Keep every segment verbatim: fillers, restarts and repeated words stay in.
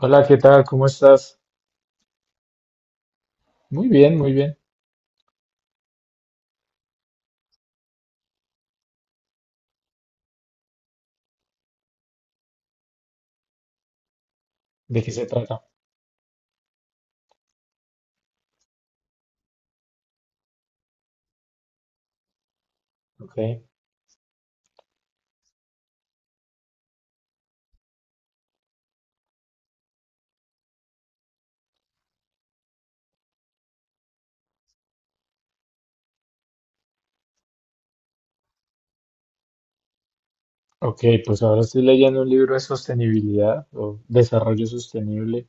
Hola, ¿qué tal? ¿Cómo estás? Muy bien, muy bien. ¿De qué se trata? Ok, ok, pues ahora estoy leyendo un libro de sostenibilidad o desarrollo sostenible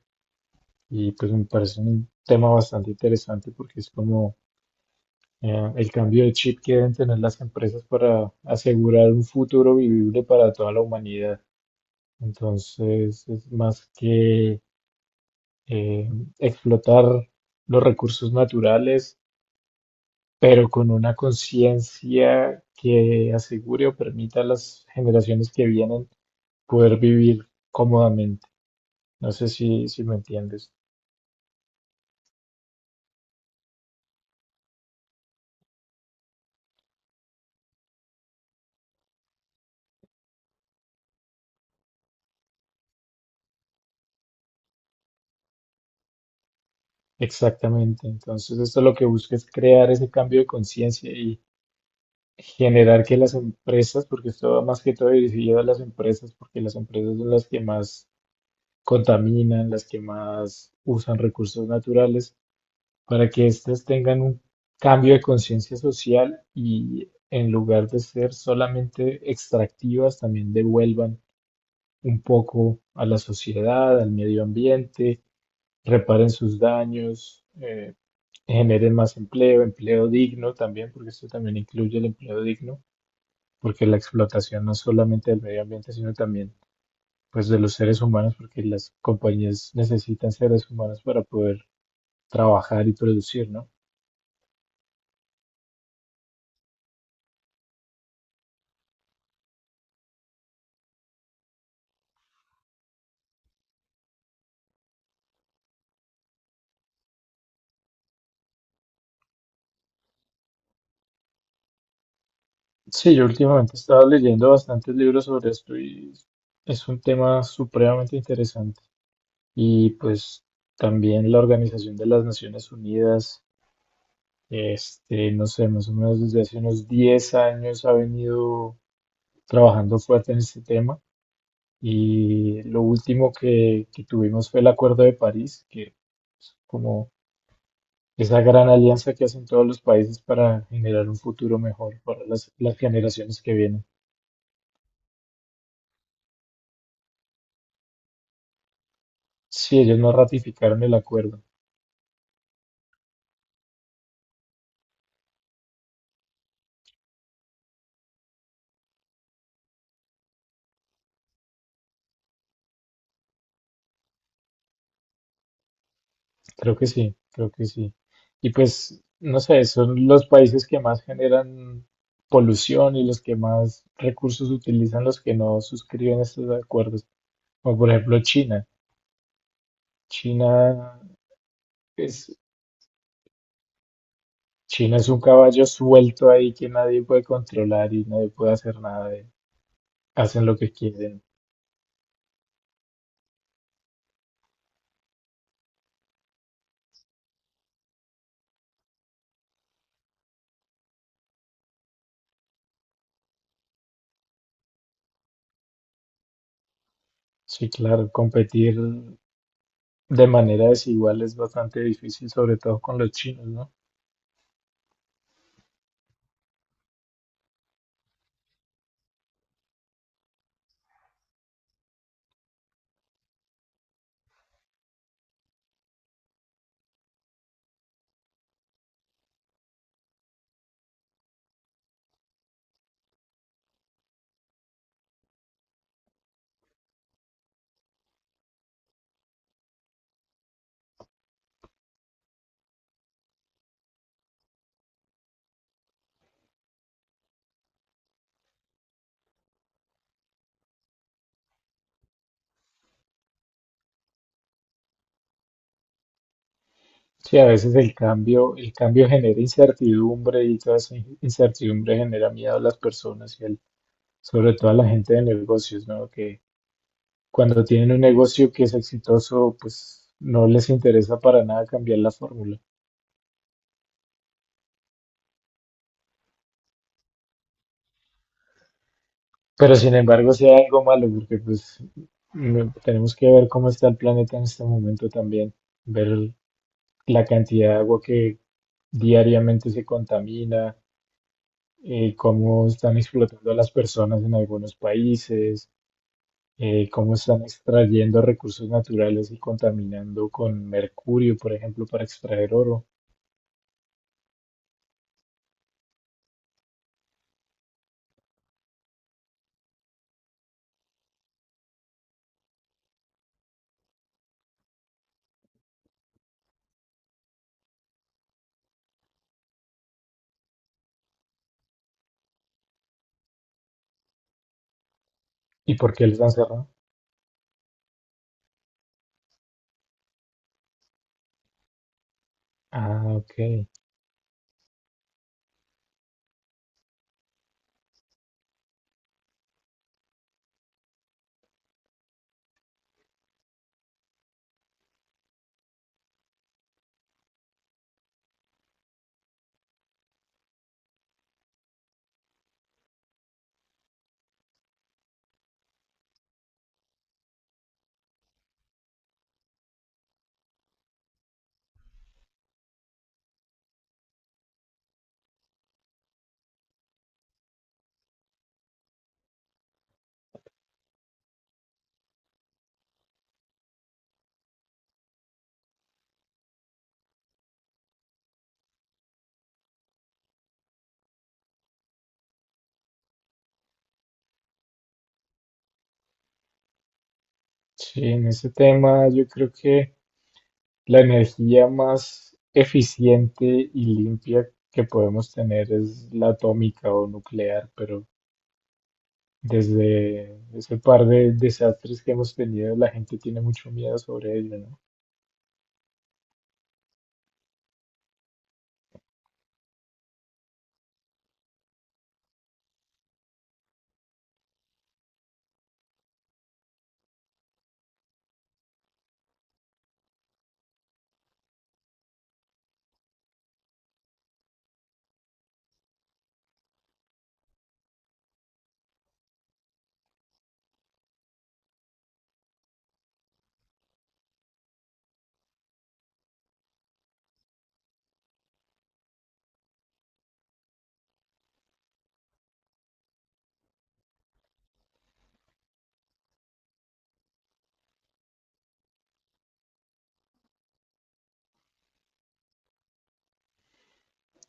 y pues me parece un tema bastante interesante porque es como eh, el cambio de chip que deben tener las empresas para asegurar un futuro vivible para toda la humanidad. Entonces, es más que eh, explotar los recursos naturales pero con una conciencia que asegure o permita a las generaciones que vienen poder vivir cómodamente. No sé si, si me entiendes exactamente. Entonces, esto lo que busca es crear ese cambio de conciencia y generar que las empresas, porque esto va más que todo dirigido a las empresas, porque las empresas son las que más contaminan, las que más usan recursos naturales para que éstas tengan un cambio de conciencia social y en lugar de ser solamente extractivas, también devuelvan un poco a la sociedad, al medio ambiente, reparen sus daños, eh, generen más empleo, empleo digno también, porque esto también incluye el empleo digno, porque la explotación no es solamente del medio ambiente, sino también pues de los seres humanos, porque las compañías necesitan seres humanos para poder trabajar y producir, ¿no? Sí, yo últimamente he estado leyendo bastantes libros sobre esto y es un tema supremamente interesante. Y pues también la Organización de las Naciones Unidas, este, no sé, más o menos desde hace unos diez años ha venido trabajando fuerte en este tema. Y lo último que, que tuvimos fue el Acuerdo de París, que como esa gran alianza que hacen todos los países para generar un futuro mejor para las las generaciones que vienen. Sí, ellos no ratificaron el acuerdo. Creo que sí, creo que sí. Y pues, no sé, son los países que más generan polución y los que más recursos utilizan los que no suscriben estos acuerdos. Como por ejemplo China. China es, China es un caballo suelto ahí que nadie puede controlar y nadie puede hacer nada de- Hacen lo que quieren. Sí, claro, competir de manera desigual es bastante difícil, sobre todo con los chinos, ¿no? Sí, a veces el cambio, el cambio genera incertidumbre y toda esa in- incertidumbre genera miedo a las personas y al- sobre todo a la gente de negocios, ¿no? Que cuando tienen un negocio que es exitoso, pues no les interesa para nada cambiar la fórmula. Pero sin embargo, sea algo malo, porque pues no- tenemos que ver cómo está el planeta en este momento también, ver la cantidad de agua que diariamente se contamina, eh, cómo están explotando a las personas en algunos países eh, cómo están extrayendo recursos naturales y contaminando con mercurio, por ejemplo, para extraer oro. ¿Y por qué les han cerrado? Ah, ok. Sí, en ese tema yo creo que la energía más eficiente y limpia que podemos tener es la atómica o nuclear, pero desde ese par de desastres que hemos tenido, la gente tiene mucho miedo sobre ello, ¿no?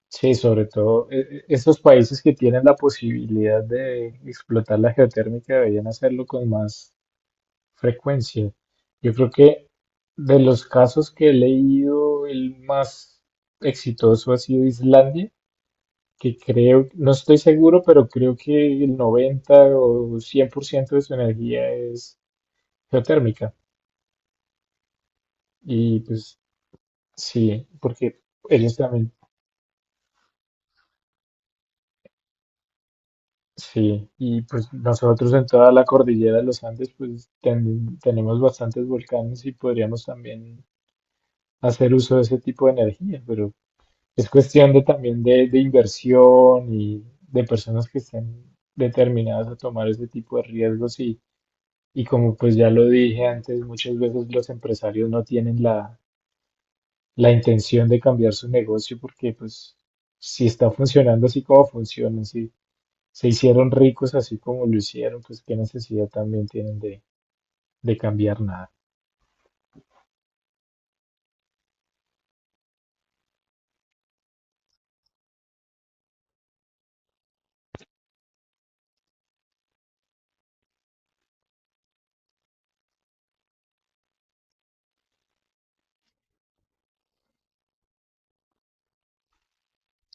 Sí, sobre todo eh, eh, estos países que tienen la posibilidad de explotar la geotérmica deberían hacerlo con más frecuencia. Yo creo que de los casos que he leído, el más exitoso ha sido Islandia, que creo, no estoy seguro, pero creo que el noventa o cien por ciento de su energía es geotérmica. Y pues sí, porque ellos también sí, y pues nosotros en toda la cordillera de los Andes pues ten- tenemos bastantes volcanes y podríamos también hacer uso de ese tipo de energía, pero es cuestión de también de, de inversión y de personas que estén determinadas a tomar ese tipo de riesgos y, y como pues ya lo dije antes, muchas veces los empresarios no tienen la, la intención de cambiar su negocio porque pues si está funcionando así como funciona, si se hicieron ricos así como lo hicieron, pues qué necesidad también tienen de, de cambiar nada.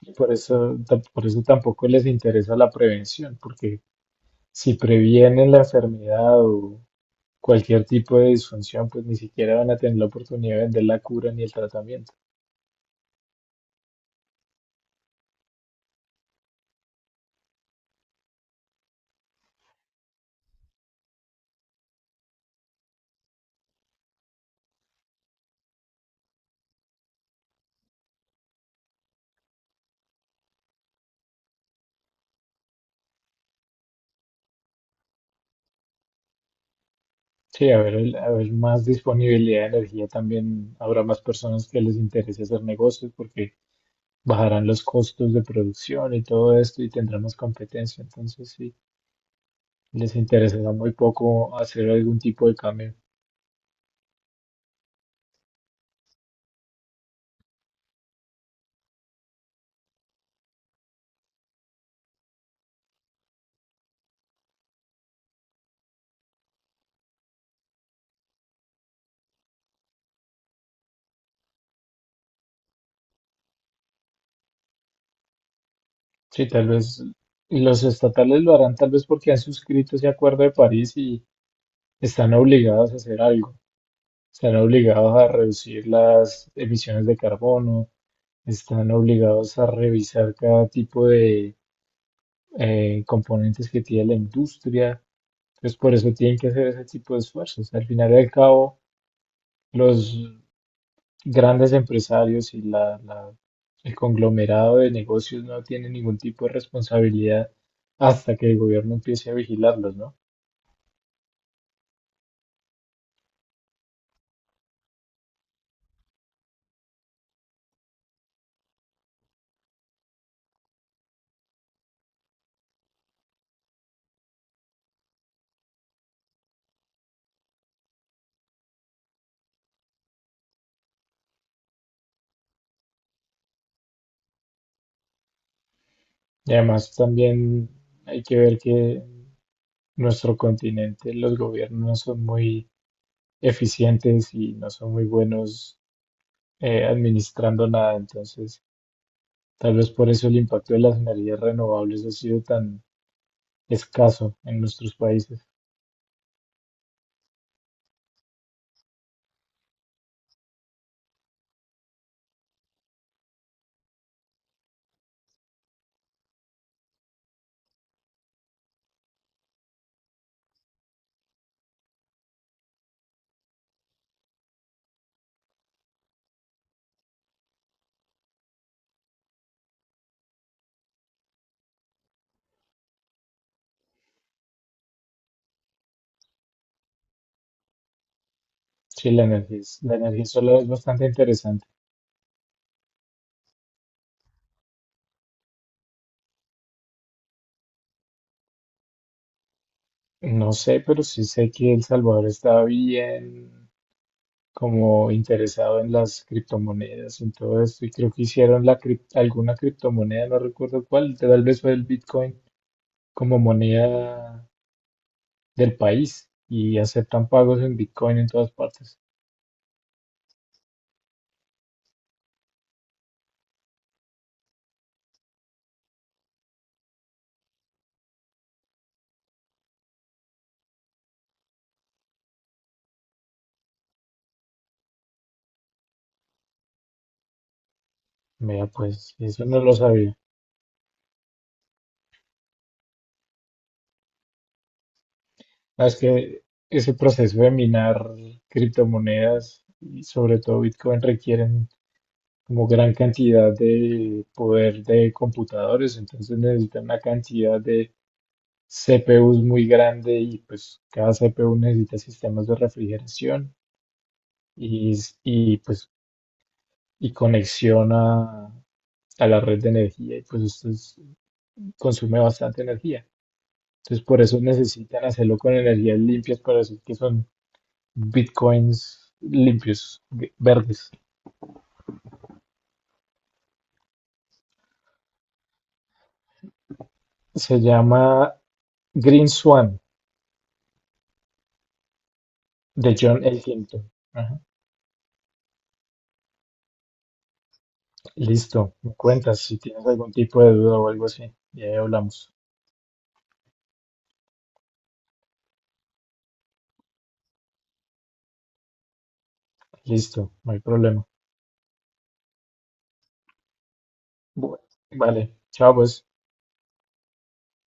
Y por eso, ta- por eso tampoco les interesa la prevención, porque si previenen la enfermedad o cualquier tipo de disfunción, pues ni siquiera van a tener la oportunidad de vender la cura ni el tratamiento. Sí, a ver, el- a ver más disponibilidad de energía también habrá más personas que les interese hacer negocios porque bajarán los costos de producción y todo esto y tendrán más competencia. Entonces, sí, les interesará muy poco hacer algún tipo de cambio. Sí, tal vez los estatales lo harán tal vez porque han suscrito ese acuerdo de París y están obligados a hacer algo. Están obligados a reducir las emisiones de carbono, están obligados a revisar cada tipo de eh, componentes que tiene la industria. Entonces, por eso tienen que hacer ese tipo de esfuerzos. Al final y al cabo, los grandes empresarios y la, la- el conglomerado de negocios no tiene ningún tipo de responsabilidad hasta que el gobierno empiece a vigilarlos, ¿no? Y además también hay que ver que nuestro continente los gobiernos no son muy eficientes y no son muy buenos eh, administrando nada, entonces tal vez por eso el impacto de las energías renovables ha sido tan escaso en nuestros países. Sí, la energía, es- la energía solar es bastante interesante. No sé, pero sí sé que El Salvador está bien como interesado en las criptomonedas, en todo esto, y creo que hicieron la crip- alguna criptomoneda, no recuerdo cuál, tal vez fue el Bitcoin como moneda del país y aceptan pagos en Bitcoin en todas partes. Mira, pues eso no lo sabía. Ah, es que ese proceso de minar criptomonedas y sobre todo Bitcoin requieren como gran cantidad de poder de computadores, entonces necesitan una cantidad de C P Us muy grande y pues cada C P U necesita sistemas de refrigeración y, s- y, pues y conexión a, a la red de energía y pues esto es- consume bastante energía. Entonces por eso necesitan hacerlo con energías limpias para decir que son bitcoins limpios, g- verdes. Se llama Green Swan de John Elkington. Listo, me cuentas si tienes algún tipo de duda o algo así. Y ahí hablamos. Listo, no hay problema. Bu- Vale, chao pues.